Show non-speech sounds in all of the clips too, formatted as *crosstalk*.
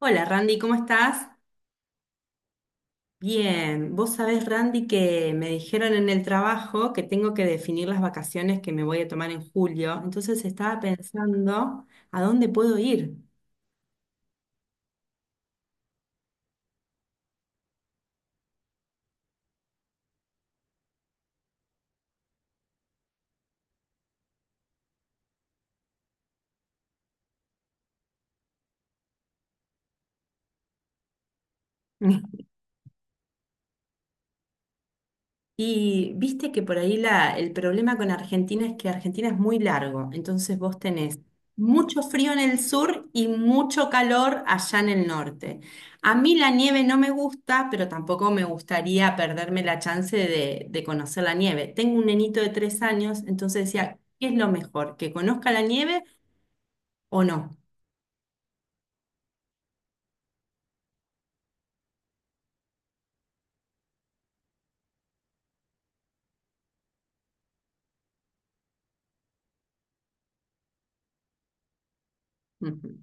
Hola Randy, ¿cómo estás? Bien, vos sabés Randy que me dijeron en el trabajo que tengo que definir las vacaciones que me voy a tomar en julio, entonces estaba pensando a dónde puedo ir. *laughs* Y viste que por ahí el problema con Argentina es que Argentina es muy largo, entonces vos tenés mucho frío en el sur y mucho calor allá en el norte. A mí la nieve no me gusta, pero tampoco me gustaría perderme la chance de conocer la nieve. Tengo un nenito de 3 años, entonces decía, ¿qué es lo mejor? ¿Que conozca la nieve o no? Ujú.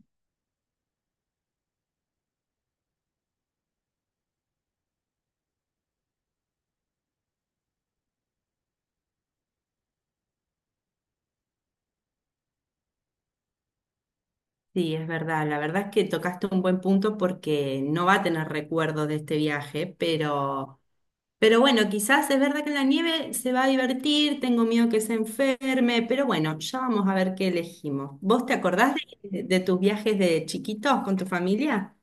Sí, es verdad. La verdad es que tocaste un buen punto porque no va a tener recuerdo de este viaje, pero... Pero bueno, quizás es verdad que en la nieve se va a divertir, tengo miedo que se enferme, pero bueno, ya vamos a ver qué elegimos. ¿Vos te acordás de tus viajes de chiquitos con tu familia?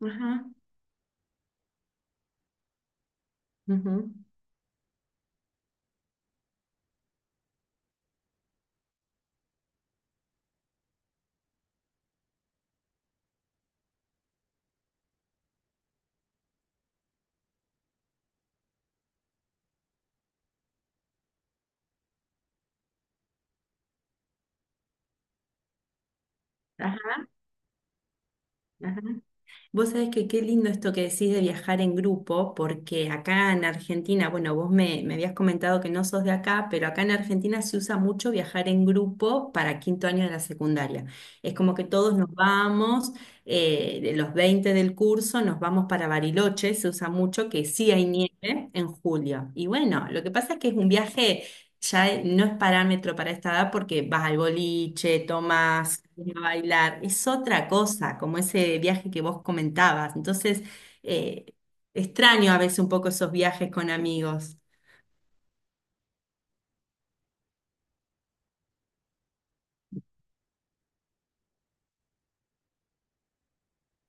Ajá. Ujú. Ajá, ajá. Vos sabés que qué lindo esto que decís de viajar en grupo, porque acá en Argentina, bueno, vos me habías comentado que no sos de acá, pero acá en Argentina se usa mucho viajar en grupo para quinto año de la secundaria. Es como que todos nos vamos, de los 20 del curso, nos vamos para Bariloche, se usa mucho, que sí hay nieve en julio. Y bueno, lo que pasa es que es un viaje ya no es parámetro para esta edad porque vas al boliche, tomas, vas a bailar, es otra cosa, como ese viaje que vos comentabas. Entonces, eh, extraño a veces un poco esos viajes con amigos.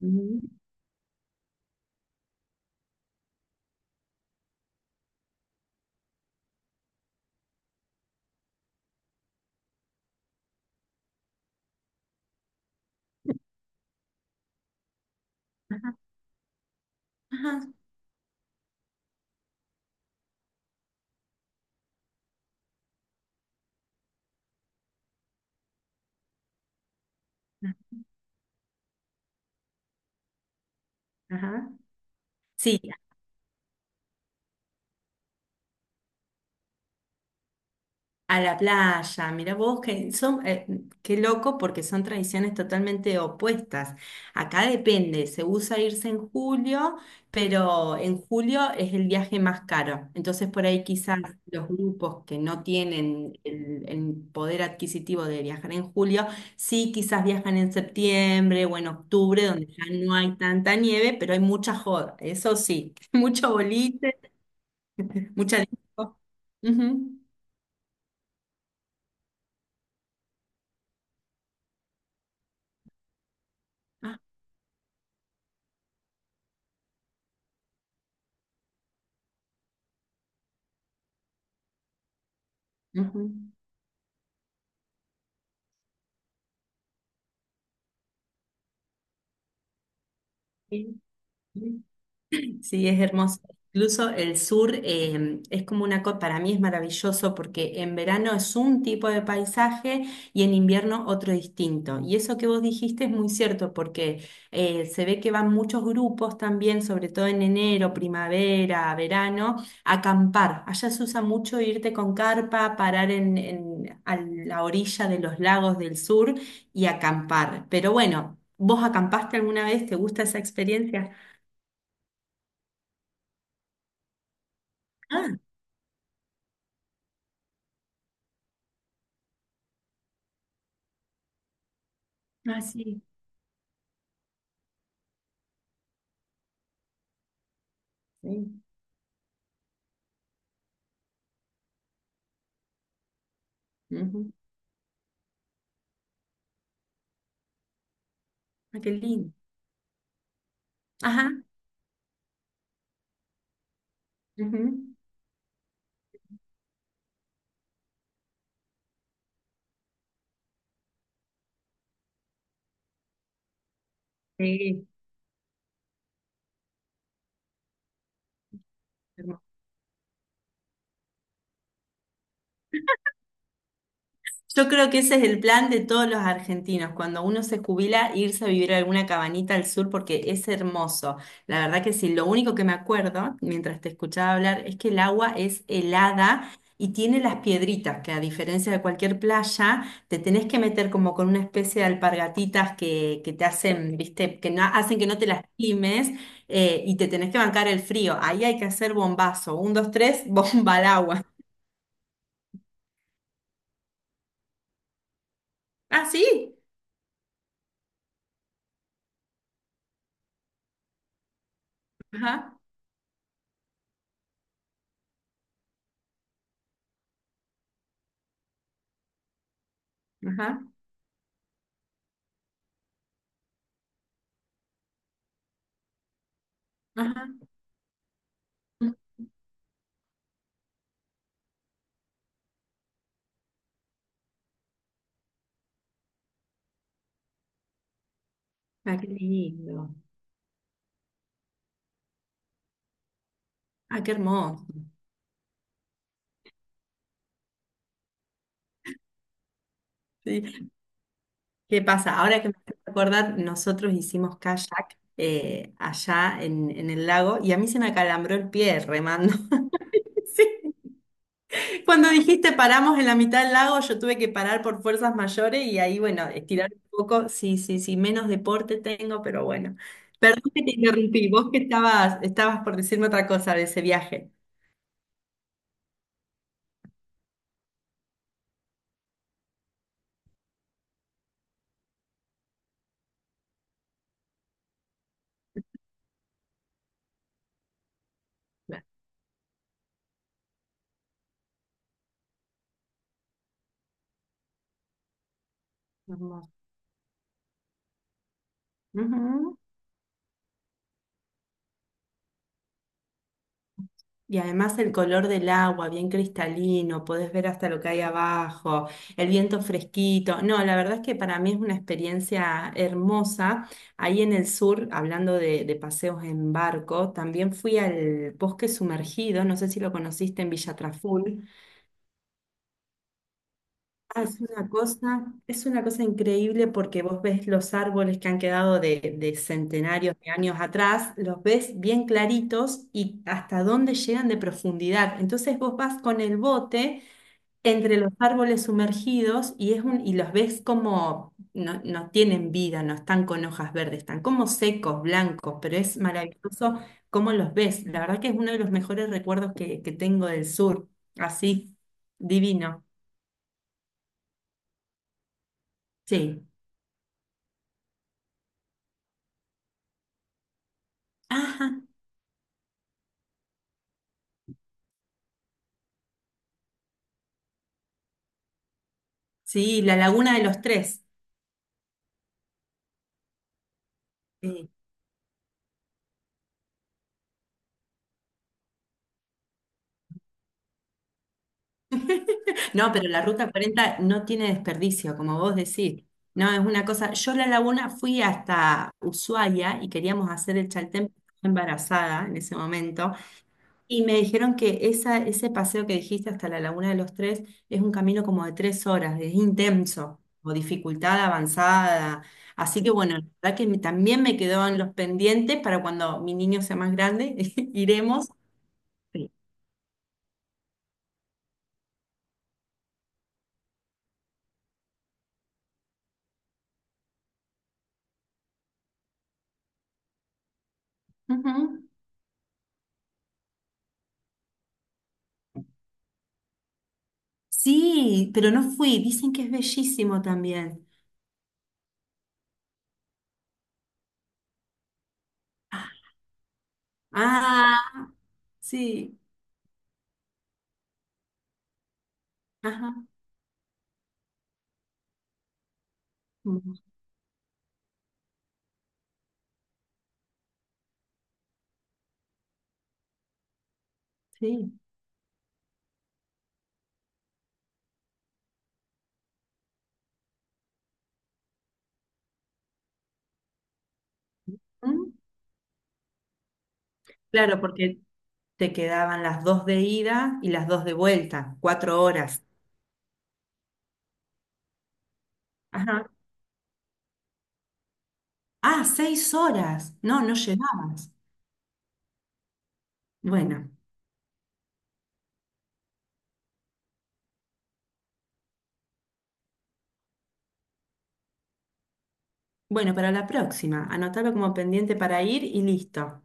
Ujú. *laughs* Ajá, ajá, ajá. Sí, a la playa, mira vos, que qué loco porque son tradiciones totalmente opuestas. Acá depende, se usa irse en julio, pero en julio es el viaje más caro. Entonces por ahí quizás los grupos que no tienen el poder adquisitivo de viajar en julio, sí quizás viajan en septiembre o en octubre, donde ya no hay tanta nieve, pero hay mucha joda, eso sí, *laughs* mucho boliche, mucha disco. Ujú. Ah, ujú. Sí. Sí, es hermoso. Incluso el sur es como una cosa, para mí es maravilloso porque en verano es un tipo de paisaje y en invierno otro distinto. Y eso que vos dijiste es muy cierto porque se ve que van muchos grupos también, sobre todo en enero, primavera, verano, a acampar. Allá se usa mucho irte con carpa, parar a la orilla de los lagos del sur y acampar. Pero bueno, ¿vos acampaste alguna vez? ¿Te gusta esa experiencia? Ah, sí. Sí. Ujú. Ah, qué lindo. Ajá. Ujú. Sí. Yo creo que ese es el plan de todos los argentinos, cuando uno se jubila, irse a vivir a alguna cabanita al sur porque es hermoso. La verdad que sí, lo único que me acuerdo mientras te escuchaba hablar es que el agua es helada y tiene las piedritas, que a diferencia de cualquier playa, te tenés que meter como con una especie de alpargatitas que te hacen, viste, que no, hacen que no te lastimes, y te tenés que bancar el frío. Ahí hay que hacer bombazo, un, dos, tres, *laughs* bomba al agua. Ah, sí. Ajá, ajá, ajá. Ah, qué lindo. Ah, qué hermoso. Sí. ¿Qué pasa? Ahora que me haces acordar, nosotros hicimos kayak allá en el lago y a mí se me acalambró el pie remando. *laughs* Sí. Cuando dijiste paramos en la mitad del lago, yo tuve que parar por fuerzas mayores y ahí, bueno, estirar un poco. Sí, sí, sí, menos deporte tengo, pero bueno. Perdón que te interrumpí. Vos que estabas por decirme otra cosa de ese viaje. Claro. Hermoso. Ujú. Y además el color del agua, bien cristalino, podés ver hasta lo que hay abajo, el viento fresquito. No, la verdad es que para mí es una experiencia hermosa. Ahí en el sur, hablando de paseos en barco, también fui al bosque sumergido, no sé si lo conociste en Villa Traful. Ah, es una cosa, es una cosa increíble porque vos ves los árboles que han quedado de centenarios de años atrás, los ves bien claritos y hasta dónde llegan de profundidad. Entonces vos vas con el bote entre los árboles sumergidos y, es un, y los ves como no, no tienen vida, no están con hojas verdes, están como secos, blancos, pero es maravilloso cómo los ves. La verdad que es uno de los mejores recuerdos que tengo del sur, así, divino. Sí. Ajá. Sí, la Laguna de los Tres. Sí. No, pero la Ruta 40 no tiene desperdicio, como vos decís. No, es una cosa. Yo la Laguna fui hasta Ushuaia y queríamos hacer el Chaltén, pero estaba embarazada en ese momento, y me dijeron que esa, ese paseo que dijiste hasta la Laguna de los Tres es un camino como de 3 horas, es intenso, o dificultad avanzada. Así que bueno, la verdad que también me quedó en los pendientes para cuando mi niño sea más grande, *laughs* iremos. Sí. Ujú. Sí, pero no fui. Dicen que es bellísimo también. Ah, ah, sí. Ajá. Mm. Sí. Mm. Claro, porque te quedaban las dos de ida y las dos de vuelta, 4 horas. Ajá. Ah, 6 horas. No, no llegabas. Bueno, bueno, para la próxima. Anotalo como pendiente para ir y listo.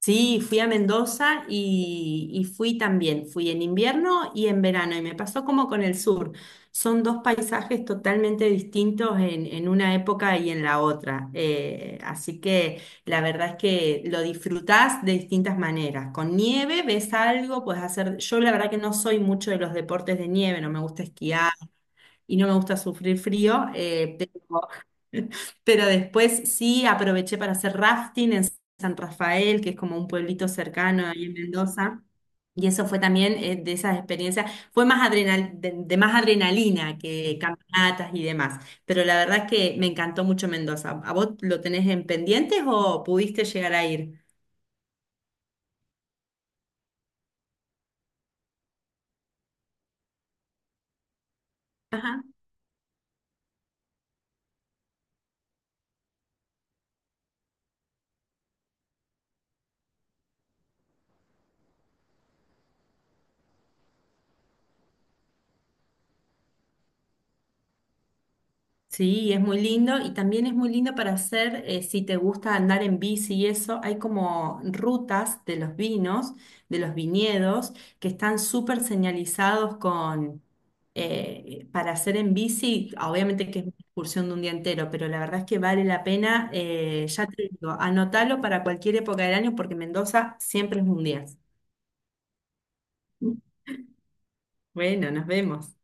Sí, fui a Mendoza y fui también, fui en invierno y en verano y me pasó como con el sur. Son dos paisajes totalmente distintos en una época y en la otra. Así que la verdad es que lo disfrutás de distintas maneras. Con nieve ves algo, puedes hacer... Yo la verdad que no soy mucho de los deportes de nieve, no me gusta esquiar y no me gusta sufrir frío, pero *laughs* pero después sí aproveché para hacer rafting en San Rafael, que es como un pueblito cercano ahí en Mendoza. Y eso fue también de esas experiencias, fue más adrenal, de más adrenalina que caminatas y demás. Pero la verdad es que me encantó mucho Mendoza. ¿A vos lo tenés en pendientes o pudiste llegar a ir? Sí, es muy lindo y también es muy lindo para hacer, si te gusta andar en bici y eso, hay como rutas de los vinos, de los viñedos, que están súper señalizados con, para hacer en bici, obviamente que es una excursión de un día entero, pero la verdad es que vale la pena, ya te digo, anotalo para cualquier época del año porque Mendoza siempre es un día. Bueno, nos vemos.